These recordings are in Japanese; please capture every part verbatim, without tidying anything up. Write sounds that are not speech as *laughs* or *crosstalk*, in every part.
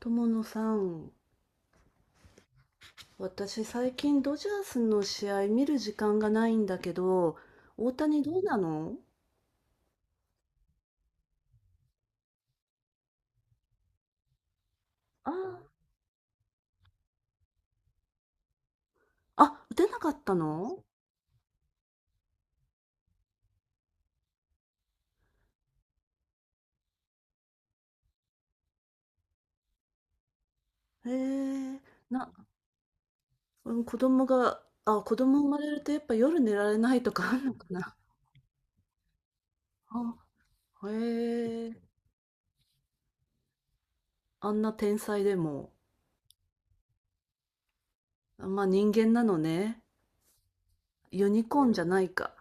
友野さん、私最近ドジャースの試合見る時間がないんだけど、大谷どうなの？ああ、あ、打てなかったの？へえ、な、うん、子供が、あ、子供生まれるとやっぱ夜寝られないとか *laughs* あるのかなあ、へえ、あんな天才でも、まあ人間なのね。ユニコーンじゃないか。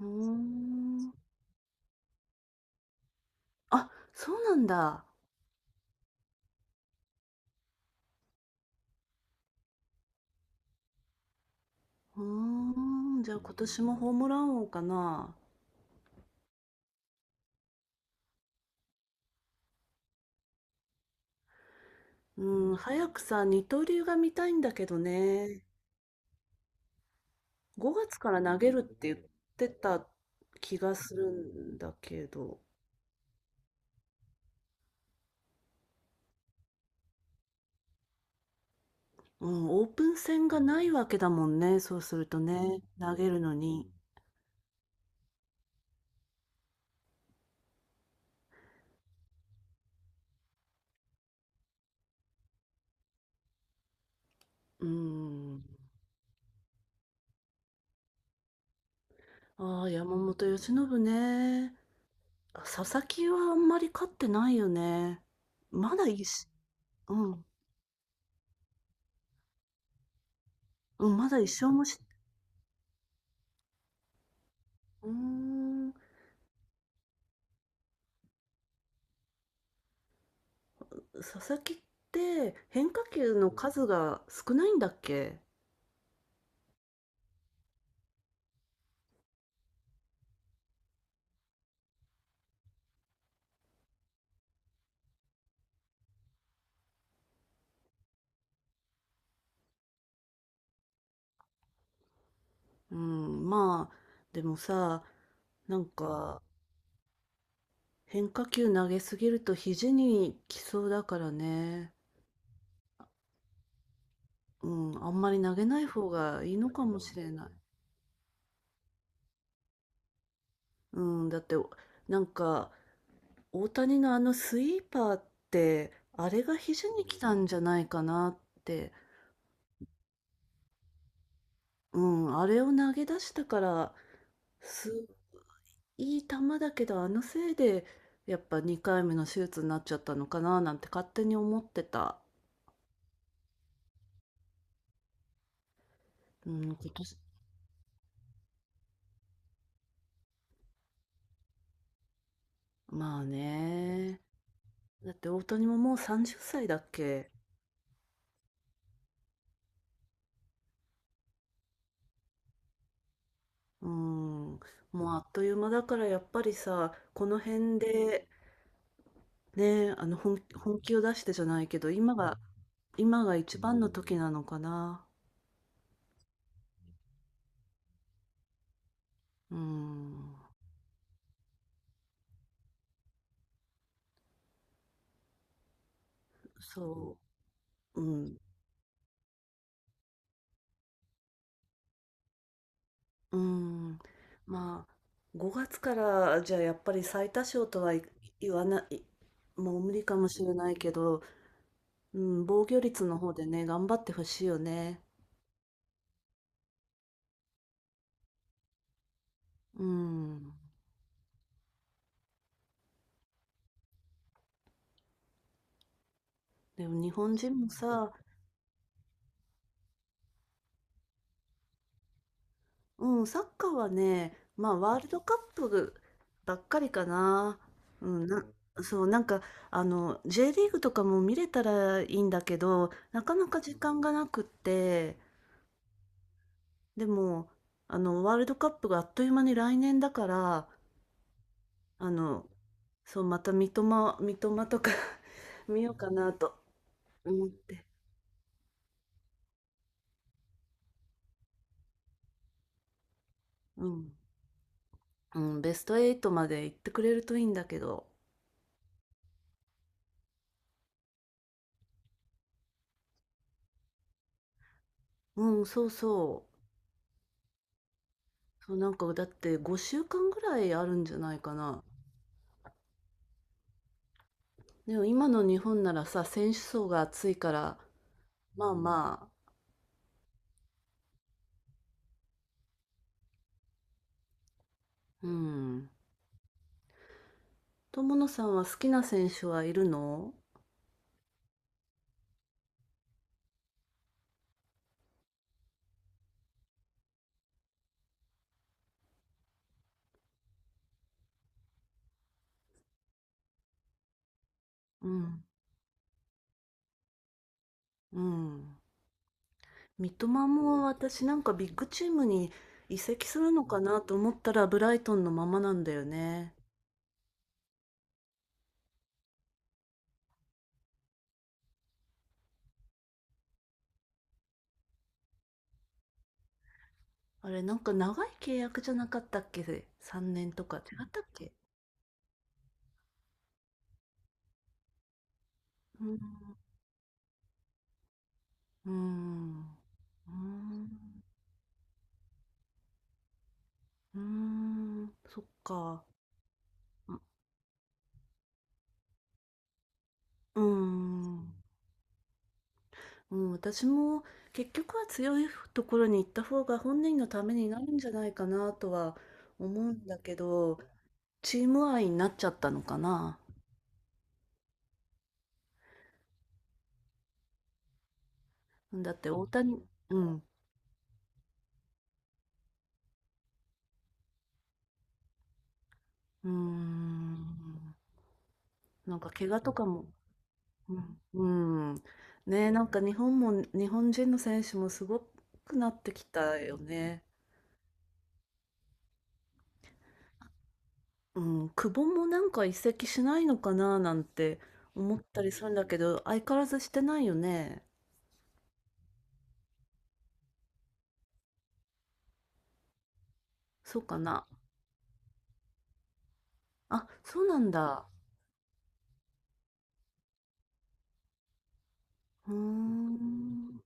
うーん。あ、そうなんだ。うーん、じゃあ今年もホームラン王かな。うん、早くさ、二刀流が見たいんだけどね。ごがつから投げるって言ってた気がするんだけど。うん、オープン戦がないわけだもんね。そうするとね、投げるのに。うん。ああ、山本由伸ね。あ、佐々木はあんまり勝ってないよね。まだ一し、うん、うん、まだ一勝もし、うーん、佐々木って変化球の数が少ないんだっけ？うん、まあ、でもさ、なんか変化球投げすぎると肘にきそうだからね。うん、あんまり投げない方がいいのかもしれない。うん、だって、なんか大谷のあのスイーパーって、あれが肘に来たんじゃないかなって。うん、あれを投げ出したから、す、いい球だけど、あのせいで、やっぱにかいめの手術になっちゃったのかななんて勝手に思ってた。うん、今年まあね。だって大谷ももうさんじゅっさいだっけ？うん。もうあっという間だからやっぱりさ、この辺でね、あの本、本気を出してじゃないけど、今が、今が一番の時なのかな。うん。そう。うん。うん。まあ、ごがつからじゃあやっぱり最多勝とはい言わない、もう無理かもしれないけど、うん、防御率の方でね、頑張ってほしいよね。うん。でも日本人もさ、うん、サッカーはね、まあワールドカップばっかりかな。うん、な、そう、なんか、あの、ジェーリーグとかも見れたらいいんだけど、なかなか時間がなくって、でも、あの、ワールドカップがあっという間に来年だから、あの、そう、また三笘、三笘とか *laughs* 見ようかなと思って、うん、うん、ベストエイトまで行ってくれるといいんだけど、うん、そうそう。そう、なんかだってごしゅうかんぐらいあるんじゃないかな。でも今の日本ならさ、選手層が厚いから、まあまあ、うん。友野さんは好きな選手はいるの？うん、うん。三笘も私なんかビッグチームに移籍するのかなと思ったらブライトンのままなんだよね。あれなんか長い契約じゃなかったっけ？ さんねん 年とか違ったっけ？うん、うん、うん、うん、そっか。うーん。うん、私も結局は強いところに行った方が本人のためになるんじゃないかなとは思うんだけど、チーム愛になっちゃったのかな。だって大谷、うん、うーん、なんか怪我とかも、うん、うん、ねえ、なんか日本も、日本人の選手もすごくなってきたよね。うん、久保もなんか移籍しないのかななんて思ったりするんだけど、相変わらずしてないよね。そうかな。あ、そうなんだ。うーん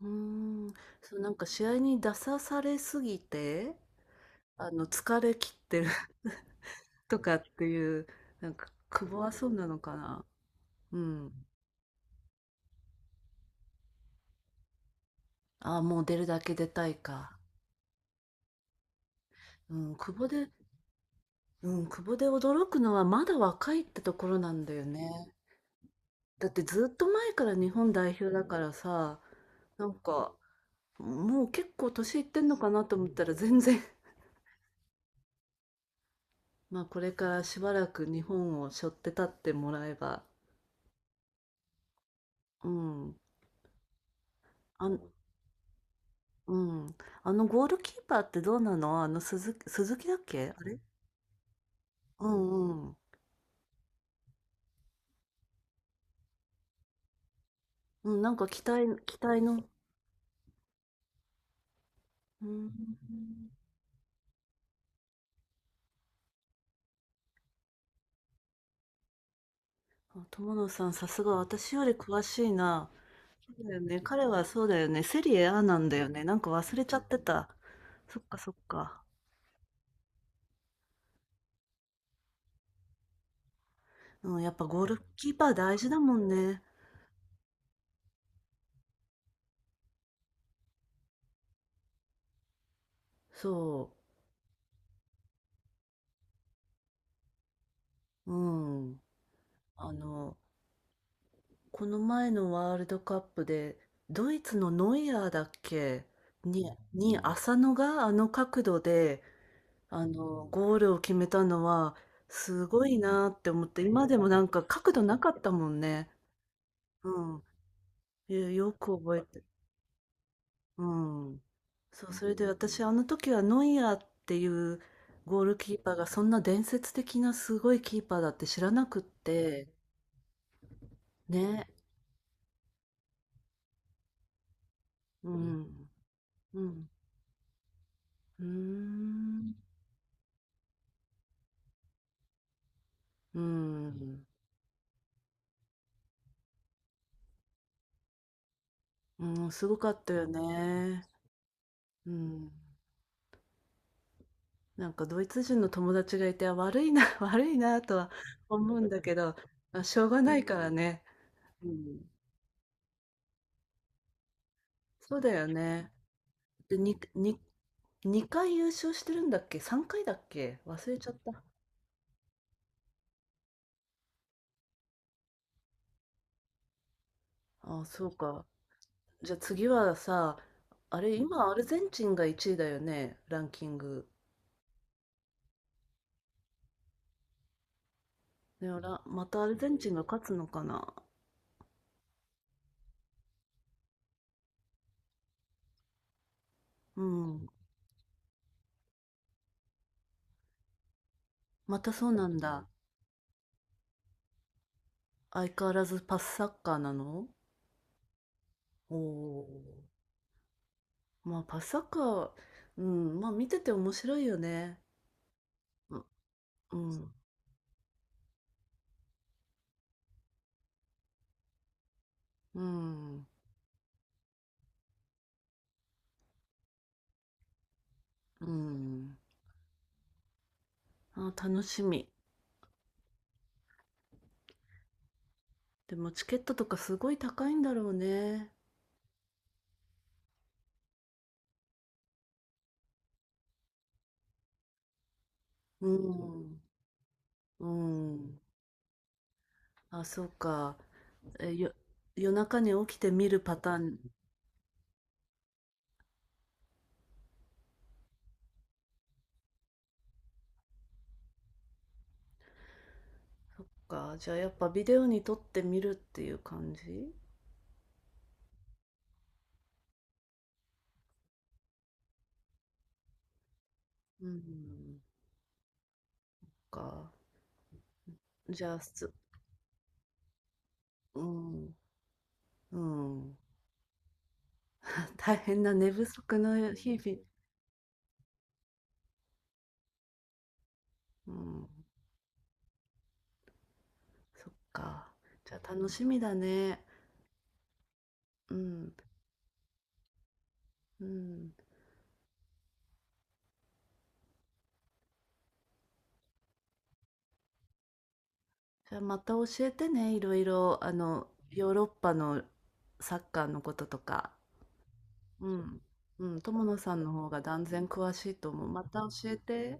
うんうーん。そう、なんか試合に出さされすぎて、あの、疲れ切ってる *laughs* とかっていう、なんか、久保はそうなのかな。うん。あ、もう出るだけ出たいか。うん、久保で、うん、久保で驚くのはまだ若いってところなんだよね。だってずっと前から日本代表だからさ、なんか、もう結構年いってんのかなと思ったら全然まあ、これからしばらく日本を背負って立ってもらえば、うん。あんうん。あのゴールキーパーってどうなの？あの鈴木鈴木だっけ？あれ？うんうん。うん、なんか期待期待のうん。あ、友野さん、さすが私より詳しいな。そうだよね、彼はそうだよね、セリエエー なんだよね。なんか忘れちゃってた。そっかそっか。うん、やっぱゴールキーパー大事だもんね。そう。うん。あのこの前のワールドカップで、ドイツのノイアーだっけ？に、に浅野があの角度で、あの、ゴールを決めたのは、すごいなって思って、今でもなんか角度なかったもんね。うん。いやよく覚えて、うん。そう、それで私、あの時はノイアーっていうゴールキーパーがそんな伝説的なすごいキーパーだって知らなくって、ね。うん。うん。うーん。うーん。うん、すごかったよね。うん。なんかドイツ人の友達がいて、あ、悪いな、*laughs* 悪いなとは思うんだけど、まあしょうがないからね。うん。そうだよね。で、にににかい優勝してるんだっけ？さんかいだっけ？忘れちゃった。あ、そうか。じゃあ次はさ、あれ、今アルゼンチンがいちいだよね、ランキング。でもらまたアルゼンチンが勝つのかな？うん。またそうなんだ。相変わらずパスサッカーなの？おおー。まあパスサッカー、うん、まあ見てて面白いよね。う、うん、うん、うん。あ、楽しみ。でもチケットとかすごい高いんだろうね。うん、うん。あ、そうか。え、よ、夜中に起きて見るパターン。そっか。じゃあやっぱビデオに撮って見るっていう感じ？うん。か。じゃあ、す、うん、うん。大変な寝不足の日々。うん、そっか。じゃあ楽しみだね。うん、うん。じゃあまた教えてね、いろいろ、あの、ヨーロッパのサッカーのこととか。うん。うん、友野さんの方が断然詳しいと思う。また教えて。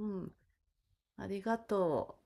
うん。ありがとう。